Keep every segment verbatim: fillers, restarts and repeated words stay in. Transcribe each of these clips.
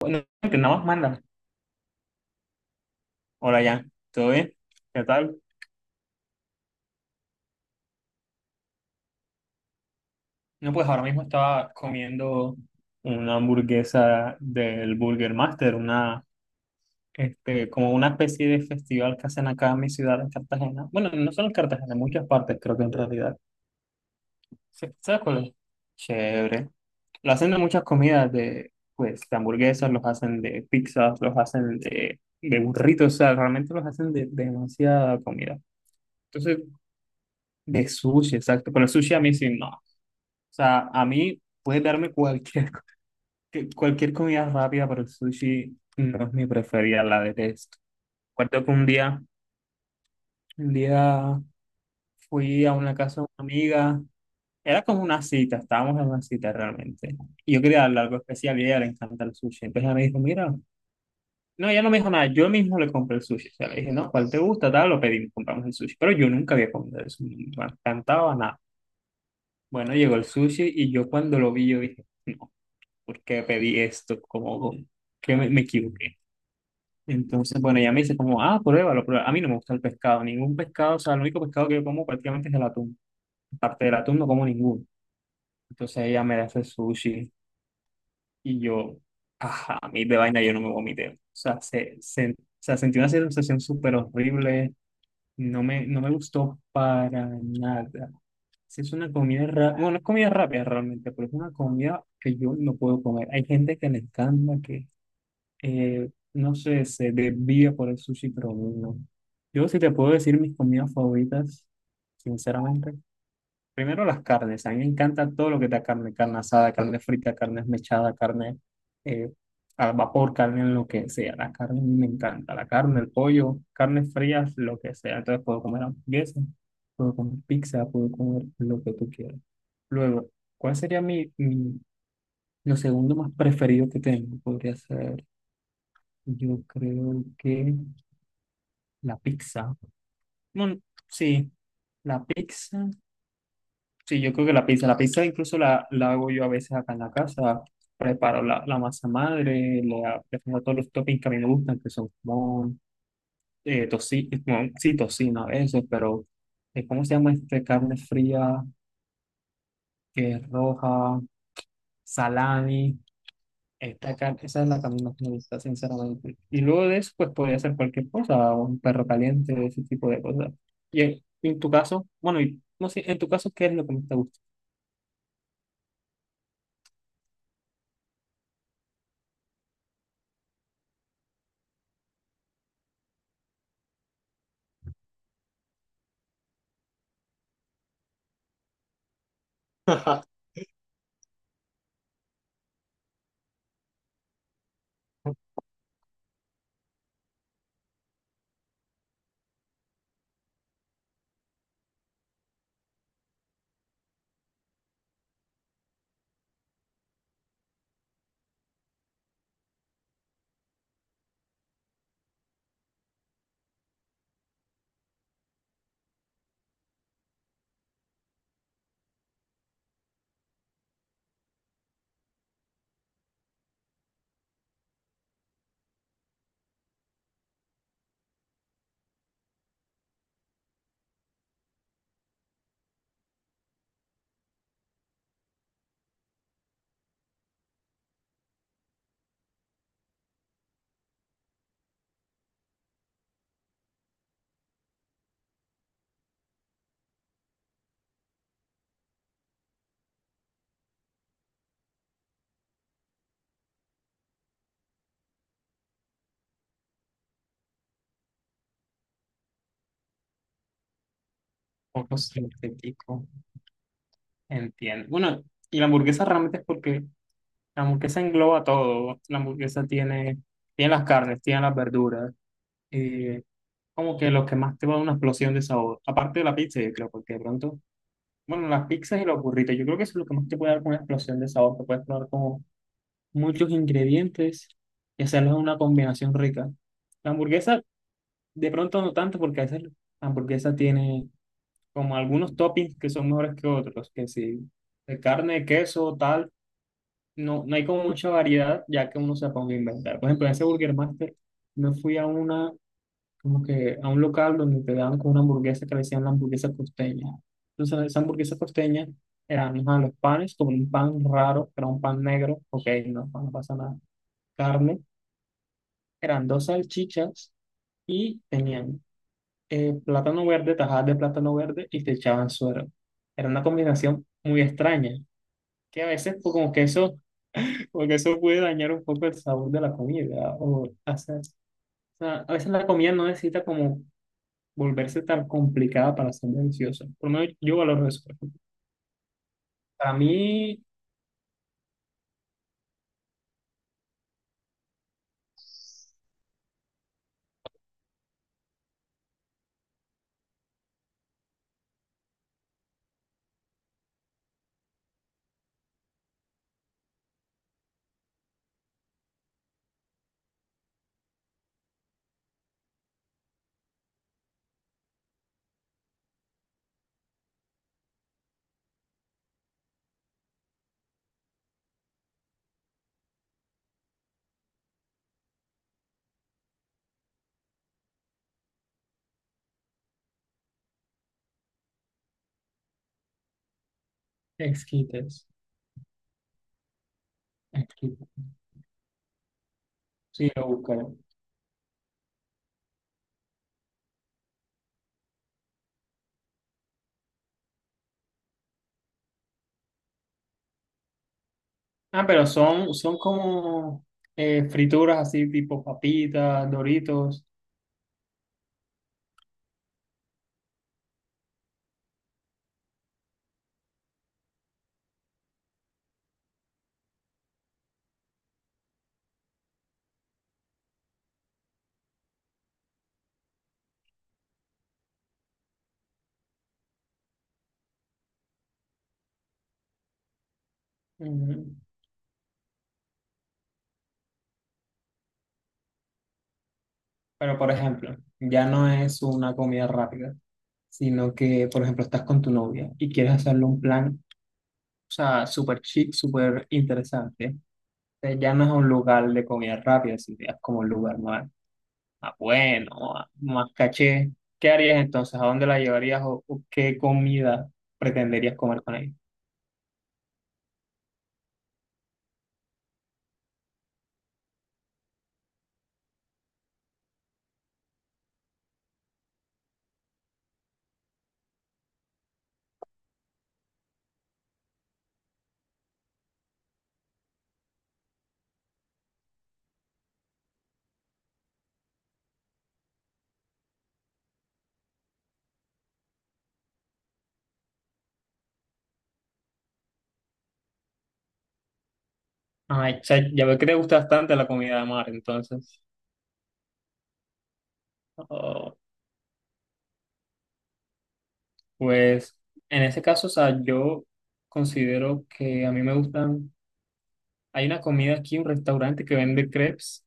Bueno, que nada más mandan. Hola, ya. ¿Todo bien? ¿Qué tal? No, pues ahora mismo estaba comiendo una hamburguesa del Burger Master, una, este, como una especie de festival que hacen acá en mi ciudad, en Cartagena. Bueno, no solo en Cartagena, en muchas partes, creo que en realidad. Sí, ¿sabes cuál es? Chévere. Lo hacen de muchas comidas, de, pues, de hamburguesas, los hacen de pizzas, los hacen de, de burritos, o sea, realmente los hacen de, de demasiada comida. Entonces, de sushi, exacto. Pero el sushi a mí sí, no. O sea, a mí puedes darme cualquier, que- cualquier comida rápida, pero el sushi no es mi preferida, la detesto. Recuerdo que un día, un día fui a una casa de una amiga, era como una cita, estábamos en una cita realmente. Y yo quería darle algo especial y a ella le encanta el sushi. Entonces ella me dijo, mira, no, ella no me dijo nada, yo mismo le compré el sushi. O sea, le dije, no, ¿cuál te gusta? Tal, lo pedimos, compramos el sushi. Pero yo nunca había comido eso, no me encantaba nada. Bueno, llegó el sushi y yo cuando lo vi, yo dije, no, ¿por qué pedí esto? Como que me, me equivoqué. Entonces, bueno, ella me dice como, ah, pruébalo, pruébalo. A mí no me gusta el pescado, ningún pescado, o sea, el único pescado que yo como prácticamente es el atún. Aparte del atún no como ninguno. Entonces ella me hace sushi y yo, ajá, a mí de vaina yo no me vomité. O sea, se, se, o sea, sentí una sensación súper horrible, no me, no me gustó para nada. Sí, es una comida rápida, bueno, no es comida rápida realmente, pero es una comida que yo no puedo comer. Hay gente que le encanta, que Eh, no sé, se desvía por el sushi, pero no. Yo sí te puedo decir mis comidas favoritas, sinceramente. Primero las carnes. A mí me encanta todo lo que da carne, carne asada, carne frita, carne esmechada, carne eh, al vapor, carne en lo que sea. La carne a mí me encanta. La carne, el pollo, carnes frías, lo que sea. Entonces puedo comer hamburguesa, puedo comer pizza, puedo comer lo que tú quieras. Luego, ¿cuál sería mi, mi lo segundo más preferido que tengo? Podría ser. Yo creo que la pizza. Bueno, sí, la pizza. Sí, yo creo que la pizza. La pizza incluso la, la hago yo a veces acá en la casa. Preparo la, la masa madre, le, ha- le pongo todos los toppings que a mí me gustan, que son como eh, toci- como- sí, tocino a veces, pero eh, ¿cómo se llama este? Carne fría, que es roja, salami. Esta, car- esa es la camino que me gusta, sinceramente. Y luego de eso, pues podría ser cualquier cosa, un perro caliente, ese tipo de cosas. Y en, en tu caso, bueno, y, no sé, en tu caso, ¿qué es lo que más te gusta? Poco sintético, entiendo. Bueno, y la hamburguesa realmente es porque la hamburguesa engloba todo. La hamburguesa tiene, tiene las carnes, tiene las verduras, eh, como que lo que más te va a dar una explosión de sabor. Aparte de la pizza, yo creo, porque de pronto, bueno, las pizzas y los burritos, yo creo que eso es lo que más te puede dar una explosión de sabor. Te puedes probar como muchos ingredientes y hacerlos una combinación rica. La hamburguesa, de pronto no tanto, porque a veces la hamburguesa tiene como algunos toppings que son mejores que otros, que si de carne, queso, tal, no, no hay como mucha variedad, ya que uno se ponga a inventar. Por ejemplo, en ese Burger Master, me fui a una, como que a un local donde te daban con una hamburguesa que le decían la hamburguesa costeña. Entonces, esa hamburguesa costeña eran ajá, los panes, como un pan raro, que era un pan negro, ok, no, no pasa nada. Carne. Eran dos salchichas y tenían eh, plátano verde, tajadas de plátano verde y te echaban suero. Era una combinación muy extraña, que a veces pues, como que eso, como que eso puede dañar un poco el sabor de la comida. O hacer, o sea, a veces la comida no necesita como volverse tan complicada para ser deliciosa. Por lo menos yo valoro eso. Para mí, esquites. Esquites. Sí, lo buscaré. Ah, pero son, son como eh, frituras así tipo papitas, Doritos. Ujú. Pero, por ejemplo, ya no es una comida rápida, sino que, por ejemplo, estás con tu novia y quieres hacerle un plan, o sea, súper chic, súper interesante. Entonces, ya no es un lugar de comida rápida, sino ya es como un lugar más, más bueno, más, más caché. ¿Qué harías entonces? ¿A dónde la llevarías o, o qué comida pretenderías comer con ella? Ay, o sea, ya veo que te gusta bastante la comida de mar, entonces. Pues en ese caso, o sea, yo considero que a mí me gustan, hay una comida aquí, un restaurante que vende crepes,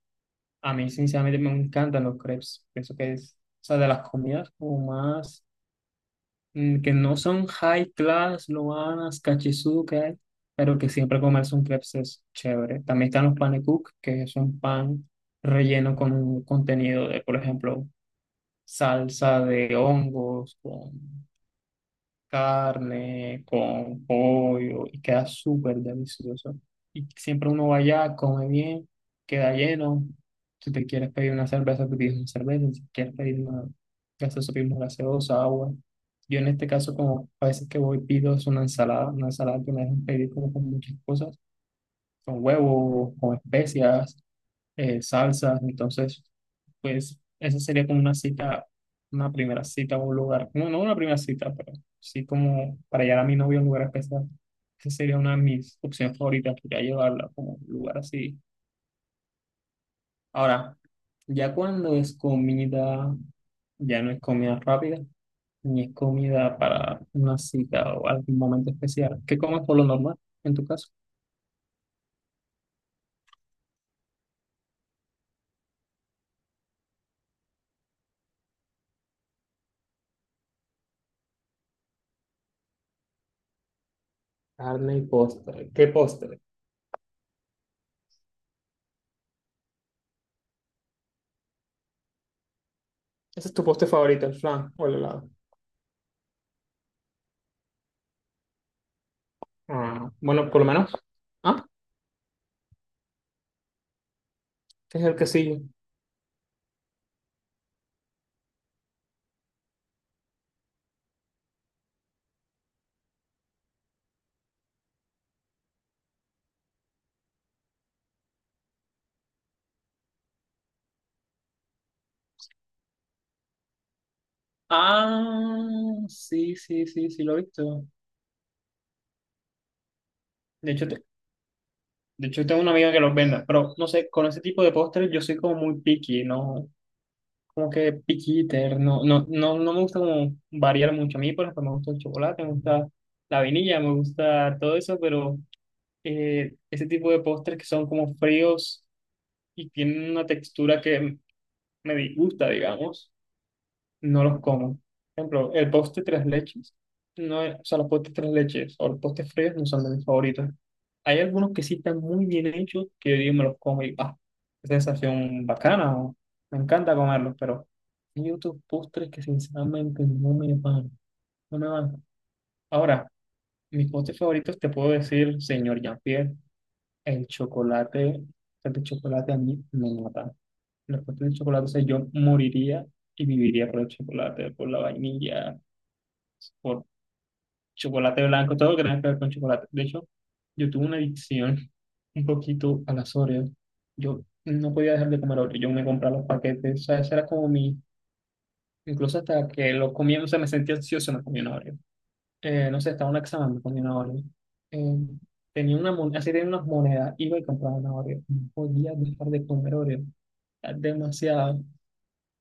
a mí sinceramente me encantan los crepes, pienso que es, o sea, de las comidas como más, mm, que no son high class, loanas, cachizudo que hay, pero que siempre comerse un crepes es chévere. También están los panekuk, que es un pan relleno con un contenido de, por ejemplo, salsa de hongos, carne con pollo y queda súper delicioso. Y siempre uno va allá, come bien, queda lleno. Si te quieres pedir una cerveza, te pides una cerveza. Si quieres pedir una gaseosa, pides una gaseosa, agua. Yo en este caso, como a veces que voy, pido es una ensalada, una ensalada que me dejan pedir como con muchas cosas, con huevos, con especias eh, salsas. Entonces, pues esa sería como una cita, una primera cita a un lugar. No, no una primera cita, pero sí como para llevar a mi novia a un lugar especial. Esa sería una de mis opciones favoritas, que ya llevarla como un lugar así. Ahora, ya cuando es comida, ya no es comida rápida, ni es comida para una cita o algún momento especial. ¿Qué comes por lo normal en tu caso? Carne y postre. ¿Qué postre? ¿Ese es tu postre favorito, el flan o el helado? Ah, bueno, por lo menos. Ah, este es el que sigue. Ah, sí, sí, sí, sí, lo he visto. De hecho, te- de hecho tengo una amiga que los vende, pero no sé, con ese tipo de postres yo soy como muy picky, ¿no? Como que picky eater, no, no, no, no me gusta como variar mucho a mí, por ejemplo, me gusta el chocolate, me gusta la vainilla, me gusta todo eso, pero eh, ese tipo de postres que son como fríos y tienen una textura que me disgusta, digamos no los como. Por ejemplo, el postre tres leches, no es- o sea, los postres tres leches o los postres fríos no son de mis favoritos. Hay algunos que sí están muy bien hechos que yo digo, me los como y ah, qué sensación bacana, o me encanta comerlos, pero hay otros postres que sinceramente no me van, no me van. Ahora, mis postres favoritos te puedo decir, señor Jean-Pierre, el chocolate, el chocolate a mí me mata. Los postres de chocolate, o sea, yo moriría y viviría por el chocolate, por la vainilla por chocolate blanco, todo lo que tenga que ver con chocolate. De hecho, yo tuve una adicción un poquito a las Oreos. Yo no podía dejar de comer Oreos. Yo me compraba los paquetes. O sea, ese era como mi... Incluso hasta que los comía, o sea, me sentía ansioso, me comía una Oreo. Eh, no sé, estaba en un examen, me comía una Oreo. Eh, tenía una moneda, así tenía unas monedas, iba y compraba una Oreo. No podía dejar de comer Oreo. Era demasiado.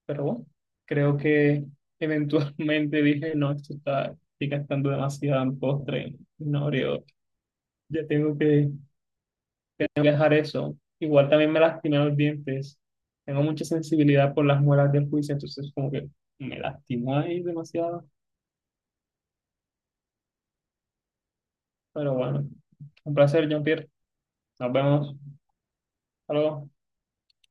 Pero bueno, creo que eventualmente dije, no, esto está estoy gastando demasiado en postre, no abrí otro. Ya tengo que dejar eso. Igual también me lastimé los dientes. Tengo mucha sensibilidad por las muelas del juicio, entonces como que me lastimó ahí demasiado. Pero bueno, un placer, Jean-Pierre. Nos vemos. Hasta luego.